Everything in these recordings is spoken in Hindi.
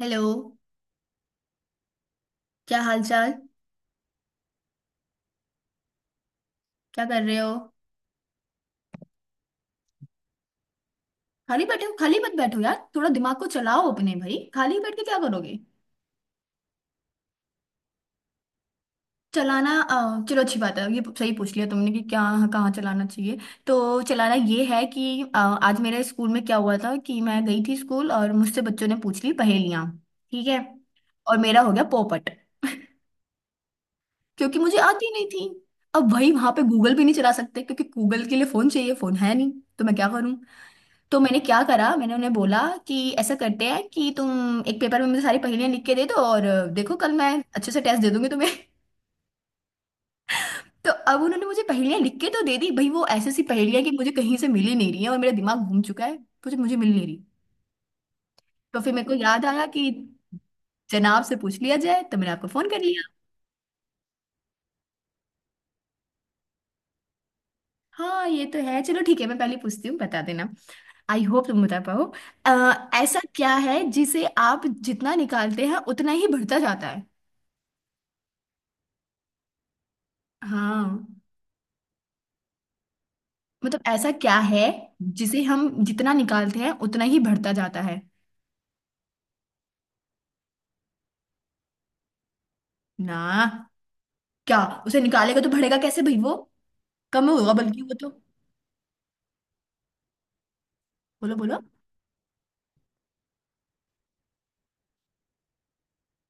हेलो। क्या हाल चाल? क्या कर रहे हो? खाली बैठे हो? खाली मत बैठो यार, थोड़ा दिमाग को चलाओ अपने भाई। खाली बैठ के क्या करोगे? चलाना, चलो अच्छी बात है, ये सही पूछ लिया तुमने कि क्या कहाँ चलाना चाहिए। तो चलाना ये है कि आज मेरे स्कूल में क्या हुआ था कि मैं गई थी स्कूल और मुझसे बच्चों ने पूछ ली पहेलियाँ। ठीक है। और मेरा हो गया पोपट, क्योंकि मुझे आती नहीं थी। अब भाई वहां पे गूगल भी नहीं चला सकते क्योंकि गूगल के लिए फोन चाहिए, फोन है नहीं। तो मैं क्या करूं? तो मैंने क्या करा, मैंने उन्हें बोला कि ऐसा करते हैं कि तुम एक पेपर में मुझे सारी पहेलियां लिख के दे दो, और देखो कल मैं अच्छे से टेस्ट दे दूंगी तुम्हें। तो अब उन्होंने मुझे पहेलियां लिख के तो दे दी भाई, वो ऐसी सी पहेलियां कि मुझे कहीं से मिल ही नहीं रही है, और मेरा दिमाग घूम चुका है। मुझे मुझे मिल नहीं रही। तो फिर मेरे को याद आया कि जनाब से पूछ लिया जाए, तो मैंने आपको फोन कर लिया। हाँ, ये तो है। चलो ठीक है, मैं पहले पूछती हूँ, बता देना, आई होप तुम बता पाओ। ऐसा क्या है जिसे आप जितना निकालते हैं उतना ही बढ़ता जाता है? हाँ, मतलब ऐसा क्या है जिसे हम जितना निकालते हैं उतना ही बढ़ता जाता है? ना, क्या? उसे निकालेगा तो बढ़ेगा कैसे भाई? वो कम होगा, बल्कि वो तो। बोलो बोलो।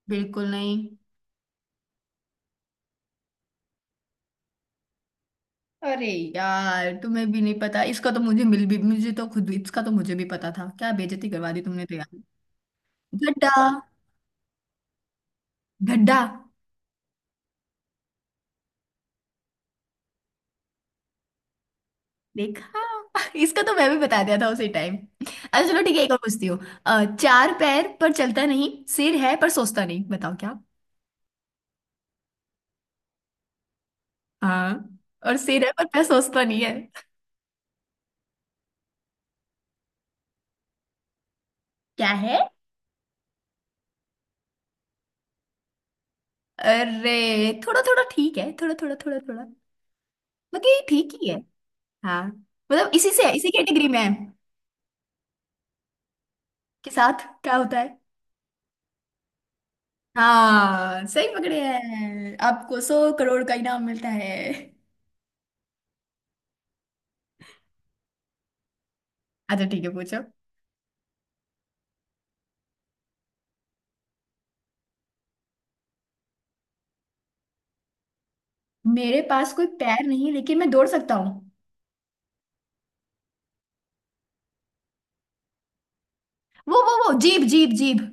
बिल्कुल नहीं। अरे यार, तुम्हें भी नहीं पता इसका तो? मुझे मिल भी, मुझे तो खुद इसका तो मुझे भी पता था, क्या बेइज्जती करवा दी तुमने तो यार। गड्ढा। गड्ढा। देखा। इसका तो मैं भी बता दिया था उसी टाइम। अच्छा चलो ठीक है, एक और पूछती हूँ। चार पैर पर चलता नहीं, सिर है पर सोचता नहीं, बताओ क्या? हाँ, और सिर है पर मैं सोचता नहीं है। क्या है? अरे, थोड़ा थोड़ा ठीक है, थोड़ा थोड़ा थोड़ा थोड़ा। मतलब ये ठीक ही है। हाँ मतलब इसी से, इसी कैटेगरी में है। के साथ क्या होता है? हाँ सही पकड़े हैं, आपको 100 करोड़ का इनाम मिलता है। अच्छा ठीक है, पूछो। मेरे पास कोई पैर नहीं लेकिन मैं दौड़ सकता हूँ। वो जीभ जीभ जीभ।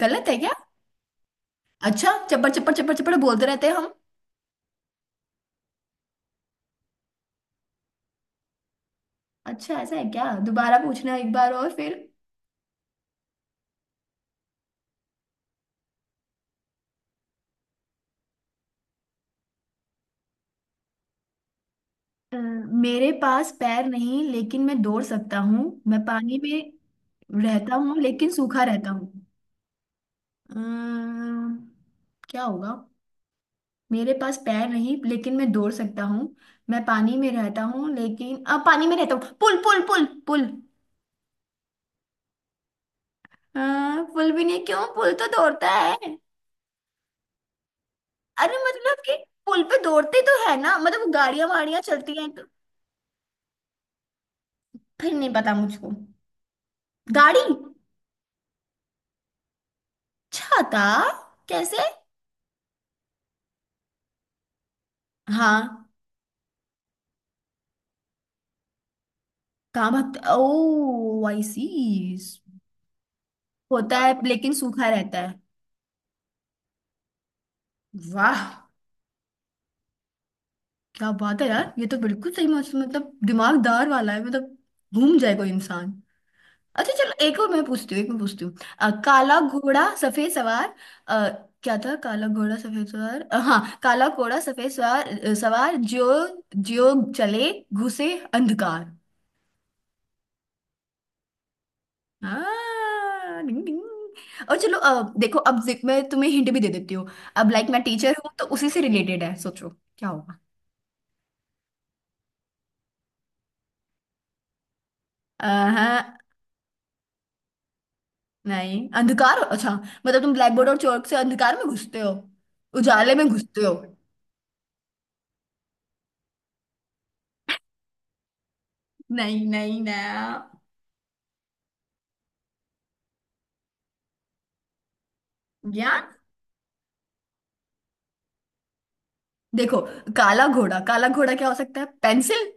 गलत है क्या? अच्छा, चप्पड़ चप्पड़ चप्पड़ चप्पड़ बोलते रहते हैं हम। अच्छा ऐसा है क्या? दोबारा पूछना एक बार और फिर। मेरे पास पैर नहीं लेकिन मैं दौड़ सकता हूँ, मैं पानी में रहता हूँ लेकिन सूखा रहता हूँ। अम्म, क्या होगा? मेरे पास पैर नहीं लेकिन मैं दौड़ सकता हूँ, मैं पानी में रहता हूँ लेकिन अब, पानी में रहता हूँ, पुल पुल पुल पुल। अ, पुल भी नहीं क्यों, पुल तो दौड़ता है। अरे मतलब कि पुल पे दौड़ते तो है ना, मतलब गाड़ियां वाड़ियां चलती हैं तो। फिर नहीं पता मुझको। गाड़ी? छाता? कैसे? हाँ, कहाँ भागते? ओ आई सी। होता है लेकिन सूखा रहता है। वाह। क्या बात है यार, ये तो बिल्कुल सही मतलब दिमागदार वाला है, मतलब घूम जाएगा इंसान। अच्छा चलो एक और मैं पूछती हूँ, एक मैं पूछती हूँ। काला घोड़ा सफेद सवार। आ, क्या था? काला घोड़ा सफेद सवार, हाँ काला घोड़ा सफेद सवार। सवार जो जो चले घुसे अंधकार। हाँ, डिंग डिंग। और चलो अब देखो, अब जिक मैं तुम्हें हिंट भी दे देती हूँ। अब लाइक मैं टीचर हूँ तो उसी से रिलेटेड है, सोचो क्या होगा। हाँ नहीं अंधकार, अच्छा मतलब तुम ब्लैक बोर्ड और चौक से अंधकार में घुसते हो? उजाले में घुसते हो। नहीं नहीं ना। ज्ञान? देखो काला घोड़ा, काला घोड़ा क्या हो सकता है, पेंसिल,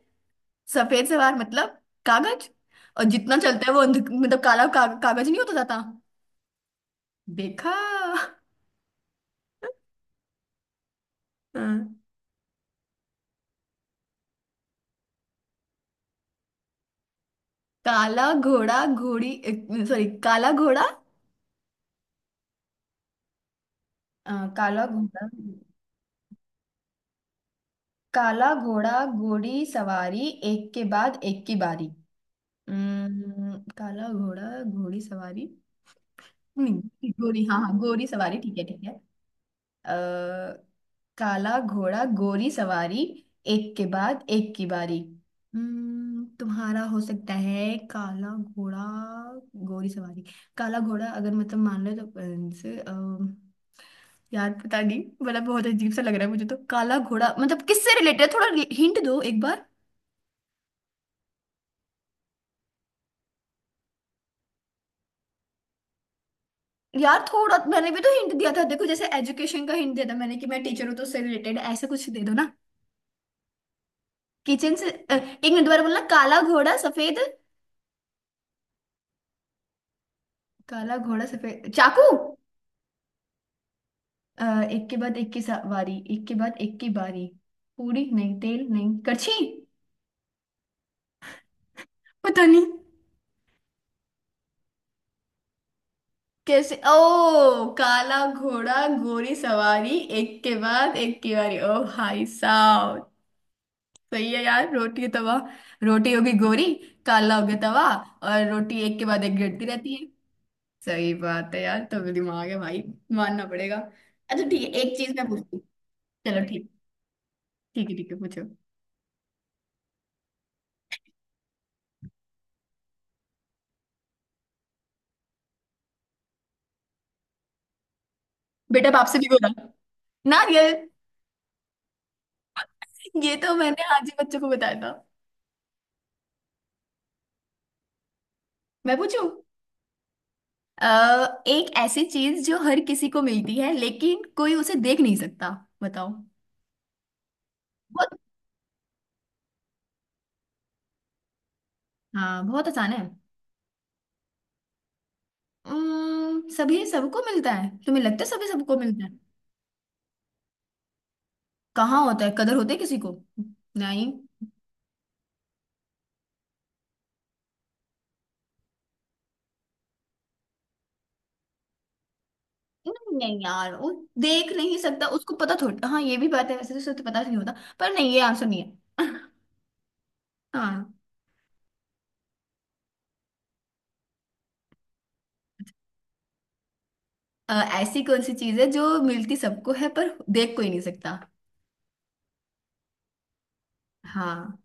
सफेद सवार मतलब कागज, और जितना चलता है वो अंध मतलब काला का, कागज नहीं होता जाता। देखा। हाँ। काला घोड़ा घोड़ी, सॉरी, काला घोड़ा। अ, काला घोड़ा। काला घोड़ा घोड़ी सवारी एक के बाद एक की बारी। काला घोड़ा घोड़ी सवारी। नहीं घोड़ी, हाँ हाँ, घोड़ी सवारी, ठीक है ठीक है। अ, काला घोड़ा गोरी सवारी एक के बाद एक की बारी। हम्म, तुम्हारा हो सकता है काला घोड़ा गोरी सवारी। काला घोड़ा अगर मतलब मान लो तो अ, से, अ, यार पता नहीं, मतलब बहुत अजीब सा लग रहा है मुझे तो काला घोड़ा मतलब किससे रिलेटेड है, थोड़ा हिंट दो एक बार। यार थोड़ा मैंने भी तो हिंट दिया था देखो, जैसे एजुकेशन का हिंट दिया था मैंने कि मैं टीचर हूँ तो उससे रिलेटेड ऐसा कुछ दे दो ना। किचन से, एक मिनट दोबारा बोलना, काला घोड़ा सफेद। काला घोड़ा सफेद चाकू। अ, एक के बाद एक की बारी, एक के बाद एक की बारी। पूरी नहीं, तेल नहीं, करछी? पता नहीं। कैसे ओ, काला घोड़ा गोरी सवारी एक के बाद एक की बारी, ओ भाई साहब। सही है यार, रोटी तवा। रोटी होगी गोरी, काला हो गया तवा, और रोटी एक के बाद एक गिरती रहती है। सही बात है यार, तो दिमाग है भाई, मानना पड़ेगा। अच्छा ठीक है, एक चीज मैं पूछती हूँ। चलो ठीक। ठीक है ठीक है, पूछो। बेटा बाप से भी बोला। ना ये तो मैंने आज ही बच्चों को बताया था। मैं पूछूं? एक ऐसी चीज जो हर किसी को मिलती है लेकिन कोई उसे देख नहीं सकता, बताओ। बहुत। हाँ बहुत आसान है। सभी सबको मिलता है? तुम्हें लगता है सभी सबको मिलता है? कहाँ होता है, कदर होती है किसी को? नहीं। नहीं नहीं यार, वो देख नहीं सकता उसको पता थोड़ा, हाँ ये भी बात है, वैसे तो उसे तो पता नहीं होता, पर नहीं, ये आंसर नहीं है। हाँ। अ, ऐसी कौन सी चीज है जो मिलती सबको है पर देख कोई नहीं सकता? हाँ।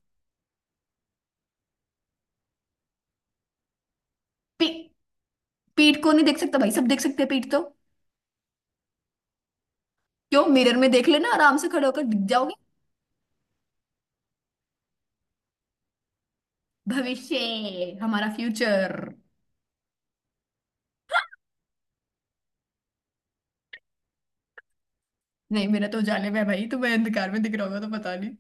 पी, पीठ को नहीं देख सकता भाई, सब देख सकते हैं पीठ तो। क्यों, मिरर में देख लेना, आराम से खड़े होकर दिख जाओगे। भविष्य, हमारा फ्यूचर। नहीं मेरा तो उजाले में है भाई, तुम्हें अंधकार में दिख रहा होगा तो पता नहीं।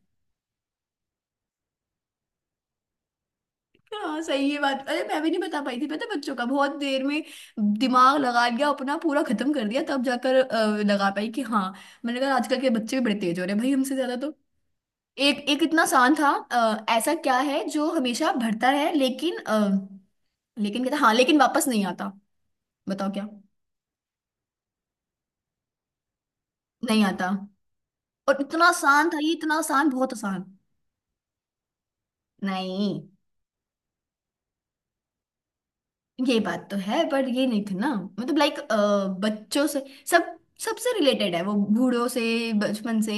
हाँ सही है बात, अरे मैं भी नहीं बता पाई थी पता है, बच्चों का बहुत देर में दिमाग लगा लिया अपना, पूरा खत्म कर दिया, तब जाकर लगा पाई कि हाँ। मैंने कहा आजकल के बच्चे भी बड़े तेज हो रहे हैं भाई, हमसे ज्यादा। एक एक इतना आसान था। ऐसा क्या है जो हमेशा भरता है लेकिन लेकिन कहता हाँ लेकिन वापस नहीं आता, बताओ क्या? नहीं आता। और इतना आसान था ये, इतना आसान, बहुत आसान। नहीं ये बात तो है पर ये नहीं था ना, मतलब लाइक बच्चों से, सब सबसे रिलेटेड है, वो बूढ़ों से, बचपन से,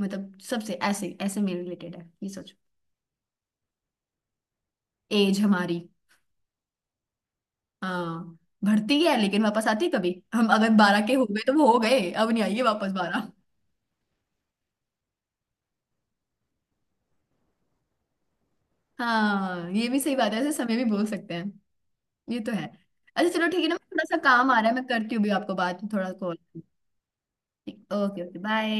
मतलब सबसे ऐसे ऐसे में रिलेटेड है, ये सोचो। एज हमारी। हाँ। भरती है लेकिन वापस आती है कभी, हम अगर 12 के हो गए तो वो हो गए, अब नहीं आएगी वापस 12। हाँ ये भी सही बात है, ऐसे समय भी बोल सकते हैं। ये तो है। अच्छा चलो ठीक है ना, थोड़ा सा काम आ रहा है मैं करती हूँ भी, आपको बाद में थोड़ा कॉल। Okay okay bye.